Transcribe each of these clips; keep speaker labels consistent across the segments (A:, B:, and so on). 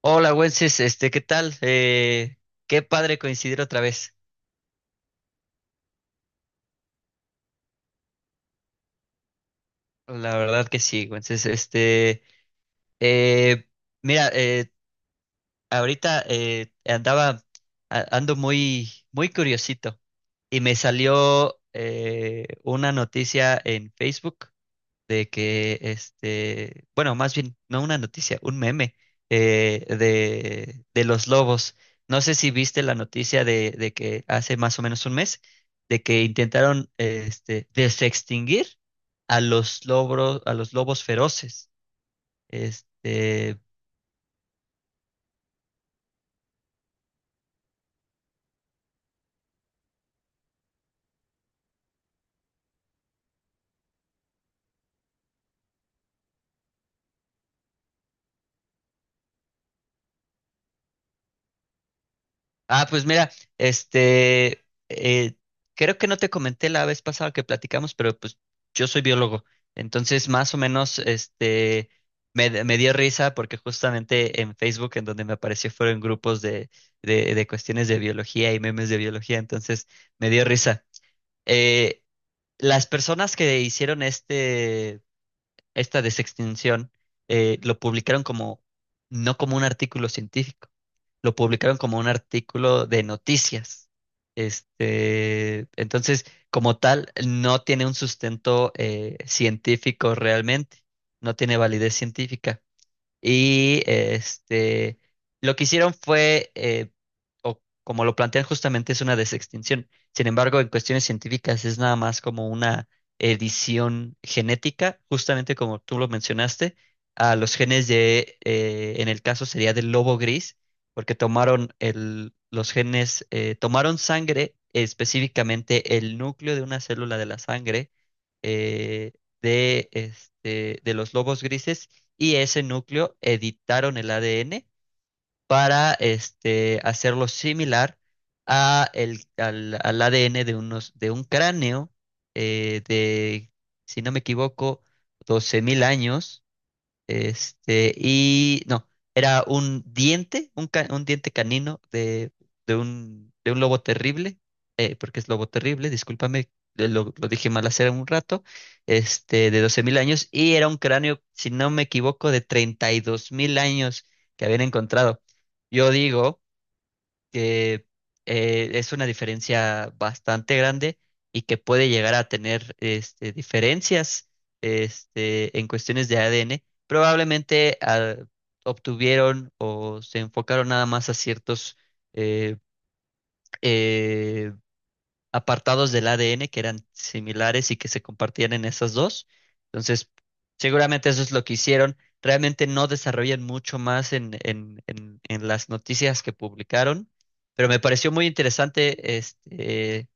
A: Hola, Wences, ¿qué tal? Qué padre coincidir otra vez. La verdad que sí, Wences, eh, mira, ahorita ando muy, muy curiosito, y me salió una noticia en Facebook de que, bueno, más bien, no una noticia, un meme, de los lobos. No sé si viste la noticia de que hace más o menos un mes, de que intentaron desextinguir a los lobos feroces. Este, Ah, pues mira, este, eh, creo que no te comenté la vez pasada que platicamos, pero pues yo soy biólogo. Entonces más o menos, me dio risa porque justamente en Facebook, en donde me apareció, fueron grupos de cuestiones de biología y memes de biología. Entonces me dio risa. Eh, las personas que hicieron esta desextinción lo publicaron, como, no como un artículo científico, lo publicaron como un artículo de noticias. Entonces, como tal, no tiene un sustento científico realmente, no tiene validez científica. Y lo que hicieron fue, o como lo plantean justamente, es una desextinción. Sin embargo, en cuestiones científicas es nada más como una edición genética, justamente como tú lo mencionaste, a los genes de, en el caso sería del lobo gris, porque tomaron los genes. Tomaron sangre, específicamente el núcleo de una célula de la sangre eh, de los lobos grises, y ese núcleo editaron el ADN para, hacerlo similar a al ADN de, de un cráneo eh, de, si no me equivoco, 12.000 años. Y no, era un diente, un diente canino de, de un lobo terrible. Porque es lobo terrible, discúlpame, lo dije mal hace un rato. De 12.000 años, y era un cráneo, si no me equivoco, de 32.000 años que habían encontrado. Yo digo que es una diferencia bastante grande, y que puede llegar a tener, diferencias, en cuestiones de ADN. Probablemente obtuvieron o se enfocaron nada más a ciertos eh, eh, apartados del ADN que eran similares y que se compartían en esas dos. Entonces, seguramente eso es lo que hicieron. Realmente no desarrollan mucho más en, en las noticias que publicaron, pero me pareció muy interesante, este,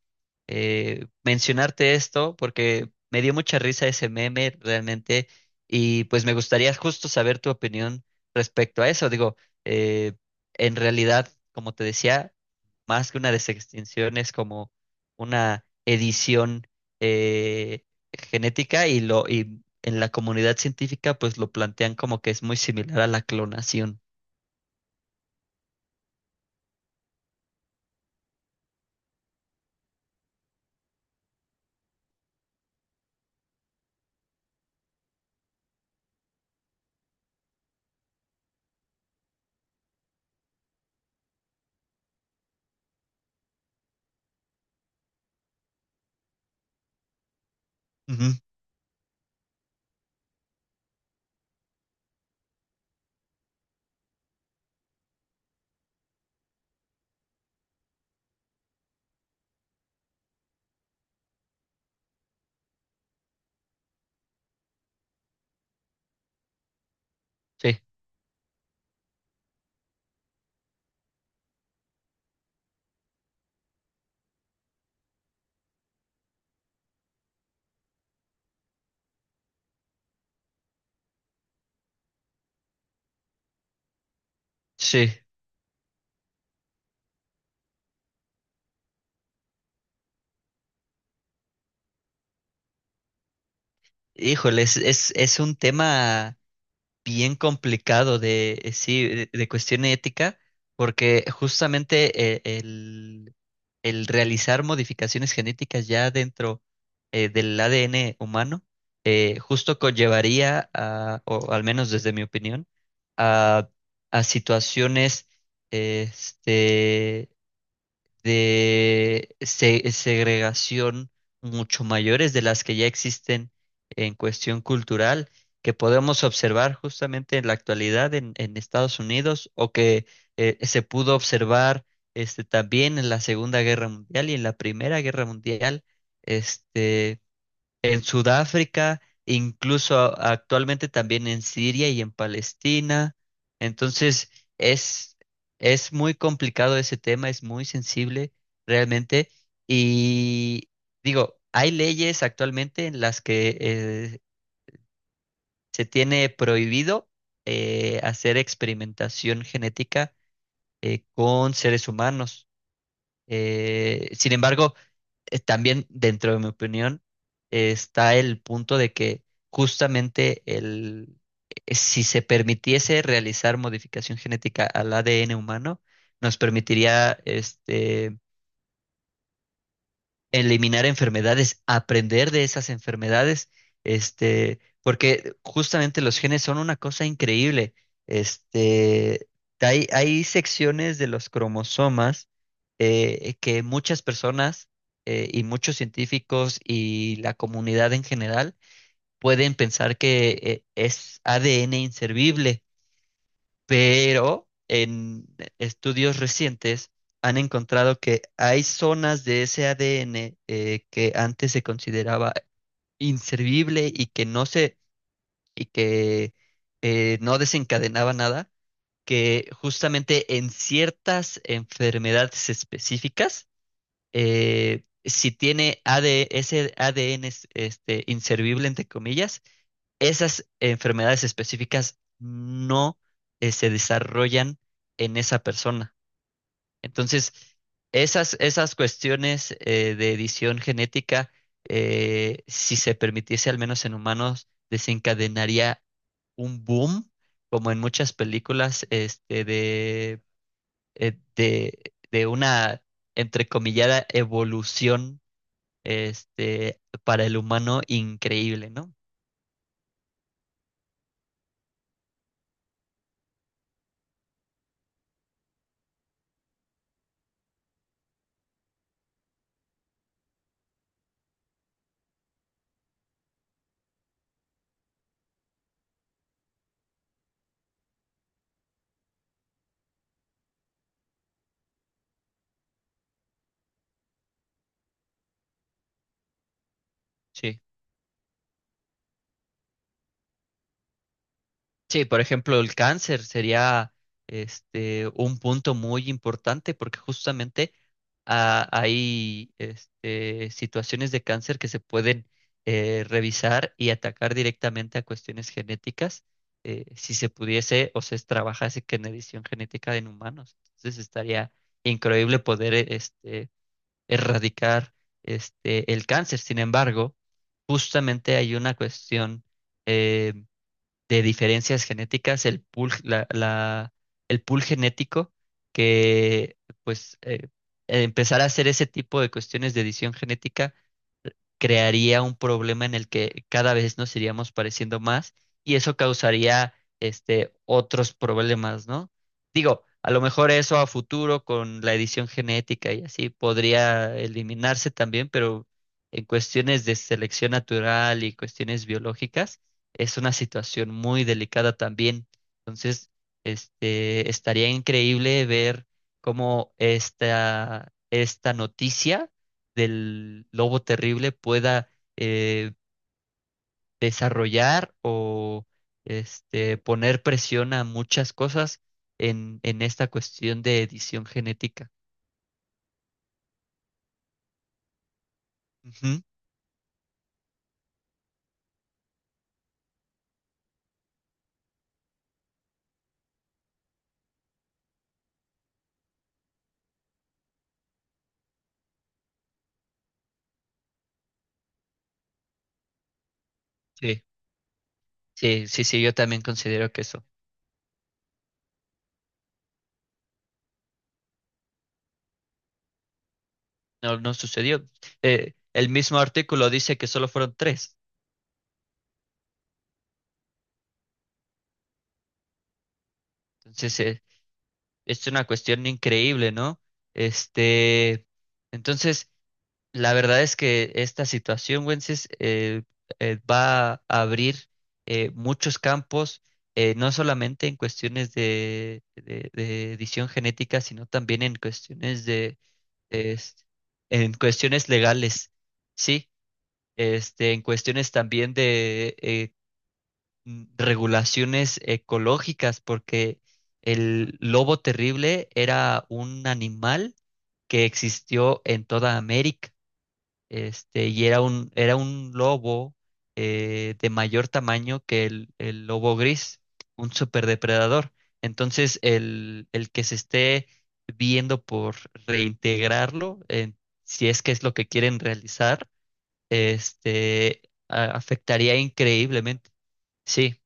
A: eh, mencionarte esto, porque me dio mucha risa ese meme realmente, y pues me gustaría justo saber tu opinión respecto a eso. Digo, eh, en realidad, como te decía, más que una desextinción, es como una edición eh, genética. Y lo y en la comunidad científica pues lo plantean como que es muy similar a la clonación. Ujú. Sí, sí. Híjole, es un tema bien complicado sí, de cuestión ética, porque justamente, el realizar modificaciones genéticas ya dentro, del ADN humano, justo conllevaría a, o al menos desde mi opinión, a, a situaciones, este, de segregación mucho mayores de las que ya existen en cuestión cultural, que podemos observar justamente en la actualidad en, Estados Unidos, o que se pudo observar, también en la Segunda Guerra Mundial y en la Primera Guerra Mundial. Este, en Sudáfrica, incluso actualmente también en Siria y en Palestina. Entonces, es, es muy complicado ese tema, es muy sensible realmente. Y digo, hay leyes actualmente en las que se tiene prohibido hacer experimentación genética con seres humanos. Sin embargo, también dentro de mi opinión, está el punto de que justamente si se permitiese realizar modificación genética al ADN humano, nos permitiría, eliminar enfermedades, aprender de esas enfermedades, porque justamente los genes son una cosa increíble. Este, hay, secciones de los cromosomas que muchas personas, y muchos científicos, y la comunidad en general, pueden pensar que es ADN inservible, pero en estudios recientes han encontrado que hay zonas de ese ADN que antes se consideraba inservible, y que y que no desencadenaba nada, que justamente en ciertas enfermedades específicas, si tiene AD ese ADN inservible, entre comillas, esas enfermedades específicas no se desarrollan en esa persona. Entonces, esas cuestiones de edición genética, si se permitiese al menos en humanos, desencadenaría un boom, como en muchas películas, de una entrecomillada evolución, para el humano increíble, ¿no? Sí. Sí, por ejemplo, el cáncer sería, un punto muy importante, porque justamente hay, situaciones de cáncer que se pueden revisar y atacar directamente a cuestiones genéticas, si se pudiese o se trabajase con edición genética en humanos. Entonces estaría increíble poder, erradicar, el cáncer. Sin embargo, justamente hay una cuestión eh, de diferencias genéticas, el pool, el pool genético, que pues empezar a hacer ese tipo de cuestiones de edición genética crearía un problema en el que cada vez nos iríamos pareciendo más, y eso causaría, otros problemas, ¿no? Digo, a lo mejor eso a futuro, con la edición genética y así, podría eliminarse también, pero en cuestiones de selección natural y cuestiones biológicas es una situación muy delicada también. Entonces, estaría increíble ver cómo esta, noticia del lobo terrible, pueda eh, desarrollar, o poner presión a muchas cosas en, esta cuestión de edición genética. Ujú. Sí, sí, sí, sí, yo también considero que eso no, no sucedió. El mismo artículo dice que solo fueron tres. Entonces, es una cuestión increíble, ¿no? Este, entonces, la verdad es que esta situación, Wences, va a abrir, muchos campos, no solamente en cuestiones de edición genética, sino también en cuestiones de, es- en cuestiones legales, sí, en cuestiones también de, regulaciones ecológicas, porque el lobo terrible era un animal que existió en toda América, y era un, lobo, de mayor tamaño que el lobo gris, un superdepredador. Entonces, el que se esté viendo por reintegrarlo, si es que es lo que quieren realizar, este, afectaría increíblemente. Sí,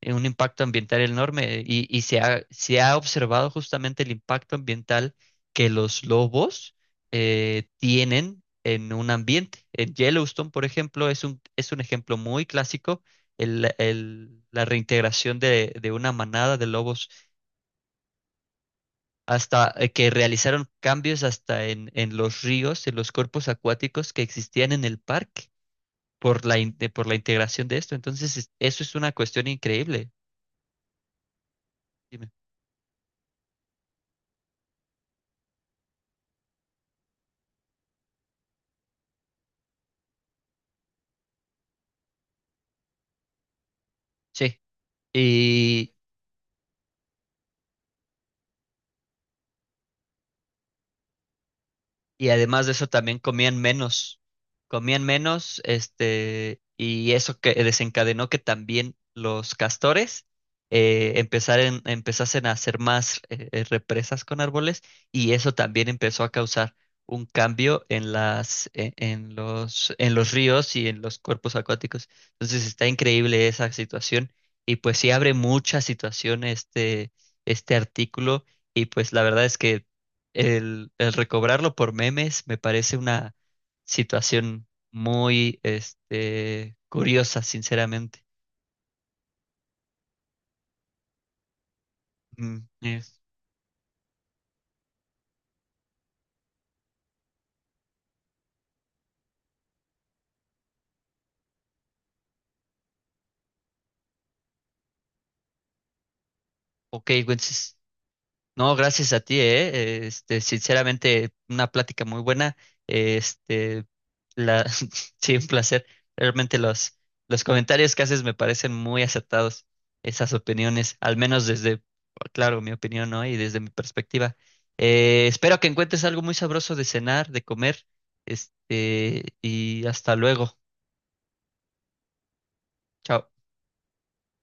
A: un impacto ambiental enorme, y, se ha, observado justamente el impacto ambiental que los lobos tienen en un ambiente. En Yellowstone, por ejemplo, es un ejemplo muy clásico. La reintegración de una manada de lobos, hasta que realizaron cambios hasta en, los ríos, en los cuerpos acuáticos que existían en el parque, por la, integración de esto. Entonces, eso es una cuestión increíble. Dime. Sí. Y además de eso, también comían menos, y eso que desencadenó que también los castores empezasen a hacer más, represas con árboles, y eso también empezó a causar un cambio en las, e- en los ríos y en los cuerpos acuáticos. Entonces está increíble esa situación, y pues sí abre mucha situación, este artículo, y pues la verdad es que el recobrarlo por memes me parece una situación muy, curiosa, sinceramente. Mm, es- ok, güey, entonces. No, gracias a ti. Sinceramente, una plática muy buena. Este, sí, un placer. Realmente los comentarios que haces me parecen muy acertados, esas opiniones, al menos desde, claro, mi opinión, ¿no? Y desde mi perspectiva. Espero que encuentres algo muy sabroso de cenar, de comer. Y hasta luego. Chao.